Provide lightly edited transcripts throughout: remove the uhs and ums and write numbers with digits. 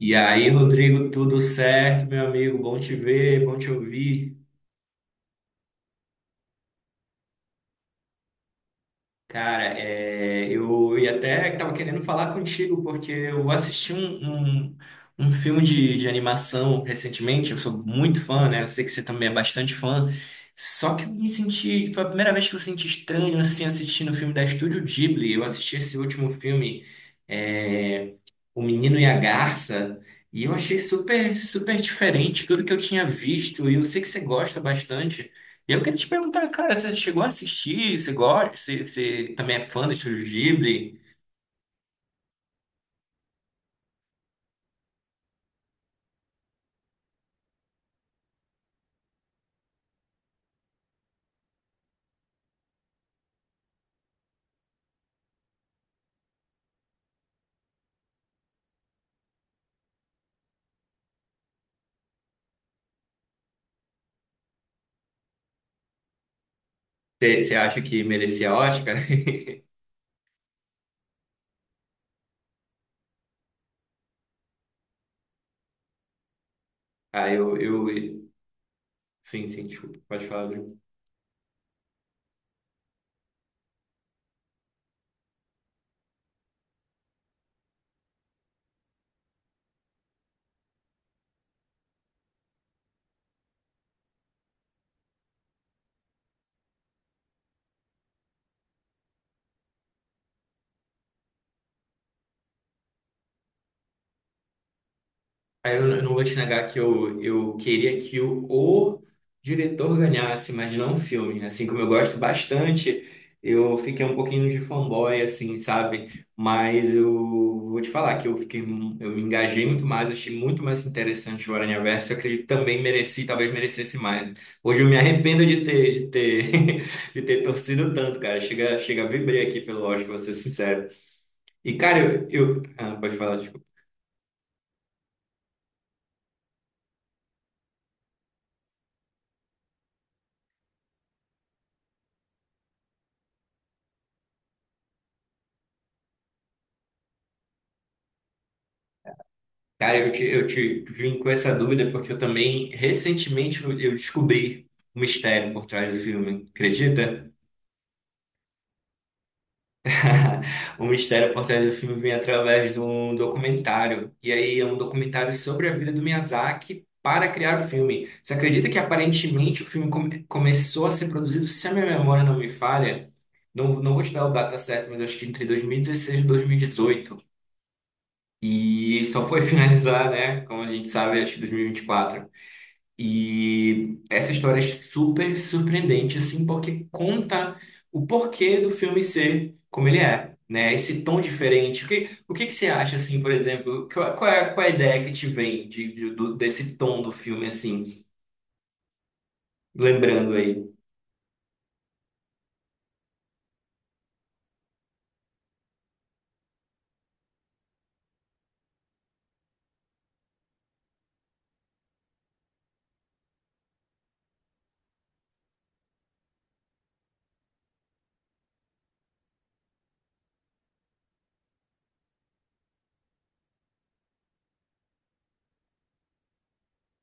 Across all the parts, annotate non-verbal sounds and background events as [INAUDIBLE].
E aí, Rodrigo, tudo certo, meu amigo? Bom te ver, bom te ouvir. Cara, eu até estava querendo falar contigo, porque eu assisti um filme de animação recentemente, eu sou muito fã, né? Eu sei que você também é bastante fã. Só que eu me senti, foi a primeira vez que eu senti estranho assim assistindo o filme da Estúdio Ghibli. Eu assisti esse último filme, é, O Menino e a Garça, e eu achei super, super diferente tudo que eu tinha visto, e eu sei que você gosta bastante. E eu queria te perguntar, cara, você chegou a assistir? Você gosta? Você também é fã do Estúdio Ghibli? Você acha que merecia Oscar? [LAUGHS] Ah, sim, sim, desculpa, pode falar, Bruno. Aí eu não vou te negar que eu queria que o diretor ganhasse, mas não o filme. Assim como eu gosto bastante, eu fiquei um pouquinho de fanboy, assim, sabe? Mas eu vou te falar que eu fiquei, eu me engajei muito mais, achei muito mais interessante o Aranhaverso. Eu acredito que também mereci, talvez merecesse mais. Hoje eu me arrependo [LAUGHS] de ter torcido tanto, cara. Chega a vibrei aqui pelo Oscar, vou ser sincero. E, cara, Ah, pode falar. Cara, eu te vim com essa dúvida porque eu também, recentemente, eu descobri o mistério por trás do filme, acredita? [LAUGHS] O mistério por trás do filme vem através de um documentário. E aí é um documentário sobre a vida do Miyazaki para criar o filme. Você acredita que aparentemente o filme começou a ser produzido, se a minha memória não me falha? Não, não vou te dar o data certo, mas acho que entre 2016 e 2018. E 2018. E só foi [LAUGHS] finalizar, né? Como a gente sabe, acho que 2024. E essa história é super surpreendente, assim, porque conta o porquê do filme ser como ele é, né? Esse tom diferente. O que que você acha, assim, por exemplo? Qual é a ideia que te vem desse tom do filme, assim, lembrando aí?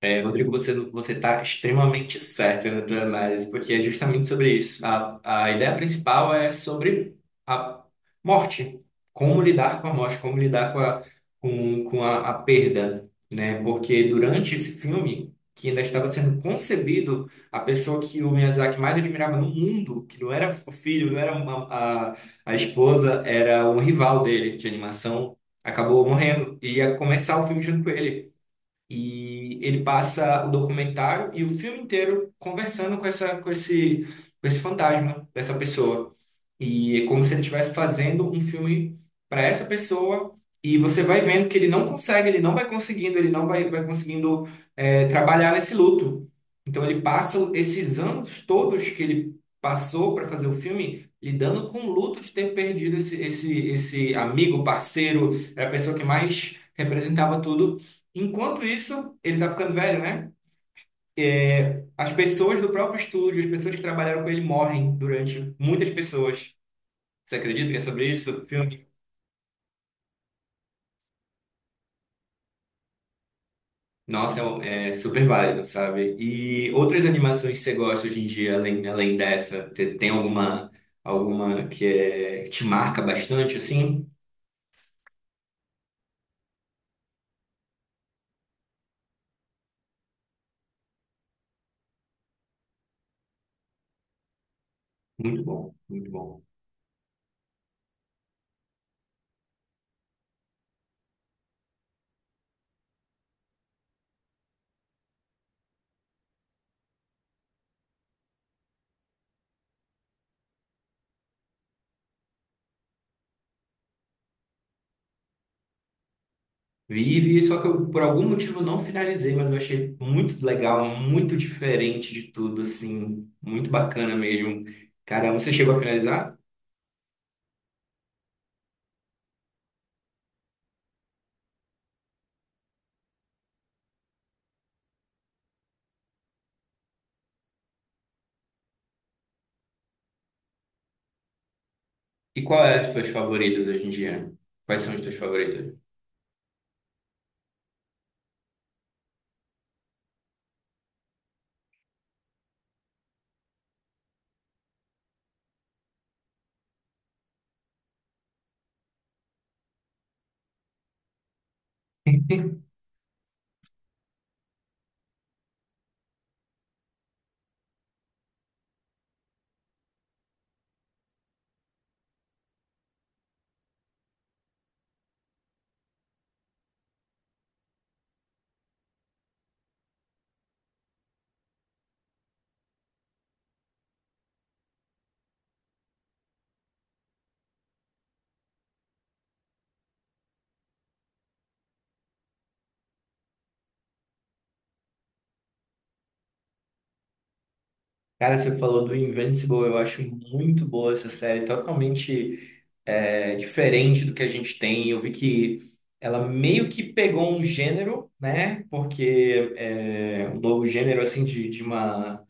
É, Rodrigo, você está extremamente certo na tua análise, porque é justamente sobre isso. A ideia principal é sobre a morte, como lidar com a morte, como lidar com a perda, né? Porque durante esse filme, que ainda estava sendo concebido, a pessoa que o Miyazaki mais admirava no mundo, que não era o filho, não era a, a esposa, era um rival dele de animação, acabou morrendo e ia começar o filme junto com ele. E ele passa o documentário e o filme inteiro conversando com esse fantasma dessa pessoa. E é como se ele estivesse fazendo um filme para essa pessoa, e você vai vendo que ele não consegue, ele não vai conseguindo, ele não vai conseguindo trabalhar nesse luto. Então ele passa esses anos todos que ele passou para fazer o filme lidando com o luto de ter perdido esse amigo, parceiro, era a pessoa que mais representava tudo. Enquanto isso, ele tá ficando velho, né? As pessoas do próprio estúdio, as pessoas que trabalharam com ele morrem durante muitas pessoas. Você acredita que é sobre isso, o filme? Nossa, é super válido, sabe? E outras animações que você gosta hoje em dia, além dessa, tem alguma que te marca bastante, assim? Muito bom, muito bom. Vi, vi, só que eu, por algum motivo, não finalizei, mas eu achei muito legal, muito diferente de tudo, assim, muito bacana mesmo. Caramba, você chegou a finalizar? E qual é as tuas favoritas hoje em dia? Quais são as tuas favoritas? Cara, você falou do Invincible, eu acho muito boa essa série, totalmente diferente do que a gente tem. Eu vi que ela meio que pegou um gênero, né? Porque é um novo gênero, assim, de uma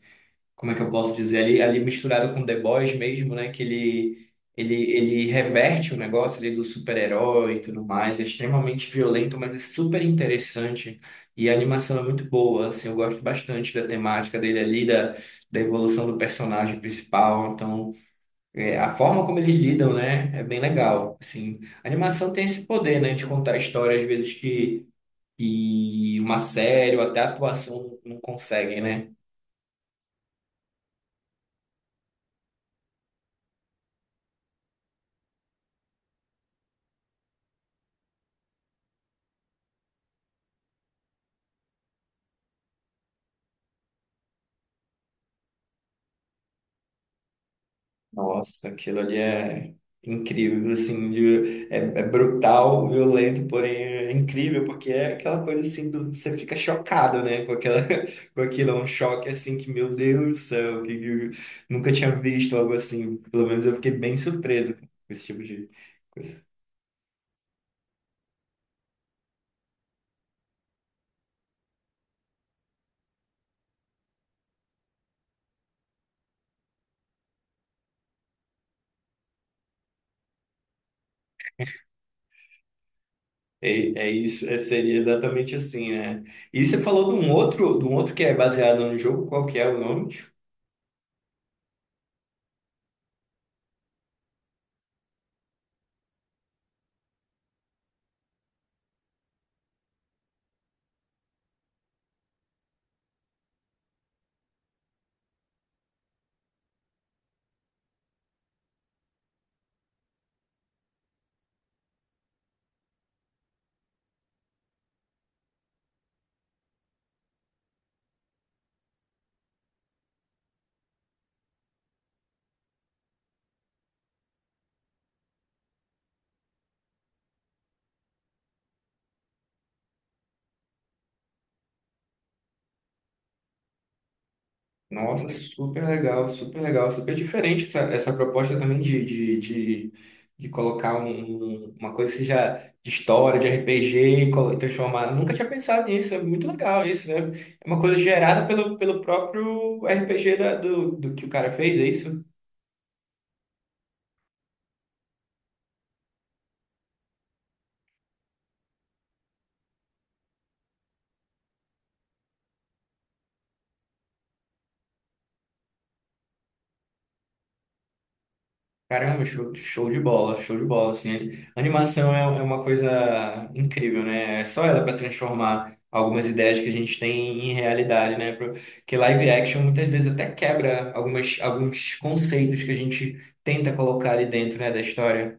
como é que eu posso dizer, ali misturado com The Boys mesmo, né? Que ele reverte o negócio ali do super-herói e tudo mais, é extremamente violento, mas é super interessante. E a animação é muito boa, assim, eu gosto bastante da temática dele ali, da evolução do personagem principal. Então, a forma como eles lidam, né, é bem legal. Assim, a animação tem esse poder, né, de contar histórias, às vezes, que uma série ou até a atuação não consegue, né? Nossa, aquilo ali é incrível, assim, é brutal, violento, porém é incrível, porque é aquela coisa assim, você fica chocado, né, com aquela, [LAUGHS] com aquilo, é um choque assim que, meu Deus do céu, que eu nunca tinha visto algo assim, pelo menos eu fiquei bem surpreso com esse tipo de coisa. É, é isso, seria exatamente assim, né? E você falou de um outro que é baseado no jogo, qual que é o nome? Nossa, super legal, super legal, super diferente essa proposta também de colocar uma coisa que seja de história, de RPG e transformar. Nunca tinha pensado nisso, é muito legal isso, né? É uma coisa gerada pelo próprio RPG do que o cara fez, é isso? Caramba, show de bola, assim. Animação é uma coisa incrível, né? É só ela para transformar algumas ideias que a gente tem em realidade, né? Porque live action muitas vezes até quebra alguns conceitos que a gente tenta colocar ali dentro, né, da história.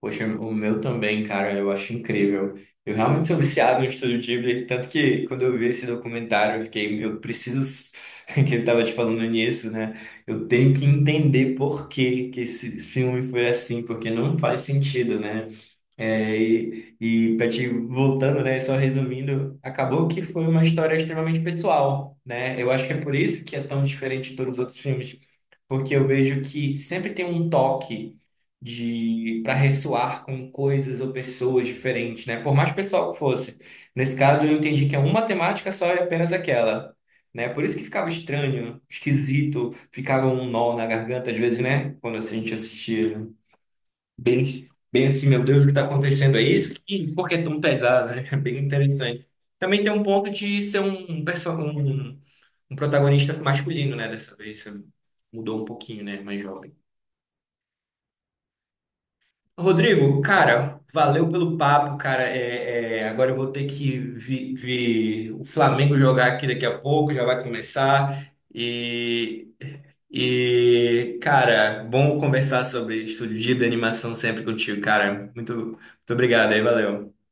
Poxa, o meu também, cara, eu acho incrível. Eu realmente sou viciado no Estúdio Ghibli, tanto que quando eu vi esse documentário, eu fiquei, eu preciso, [LAUGHS] que ele tava te falando nisso, né? Eu tenho que entender por que que esse filme foi assim, porque não faz sentido, né? É, e para te voltando, né, só resumindo, acabou que foi uma história extremamente pessoal, né? Eu acho que é por isso que é tão diferente de todos os outros filmes, porque eu vejo que sempre tem um toque de para ressoar com coisas ou pessoas diferentes, né? Por mais pessoal que fosse. Nesse caso, eu entendi que é uma temática só e apenas aquela, né? Por isso que ficava estranho, esquisito, ficava um nó na garganta às vezes, né? Quando a gente assistia. Bem, bem assim, meu Deus, o que está acontecendo? É isso? E por que é tão pesado, né? [LAUGHS] Bem interessante. Também tem um ponto de ser um protagonista masculino, né? Dessa vez isso mudou um pouquinho, né? Mais jovem. Rodrigo, cara, valeu pelo papo, cara. Agora eu vou ter que ver o Flamengo jogar aqui daqui a pouco, já vai começar. E, cara, bom conversar sobre estúdio de animação sempre contigo, cara. Muito, muito obrigado aí, valeu.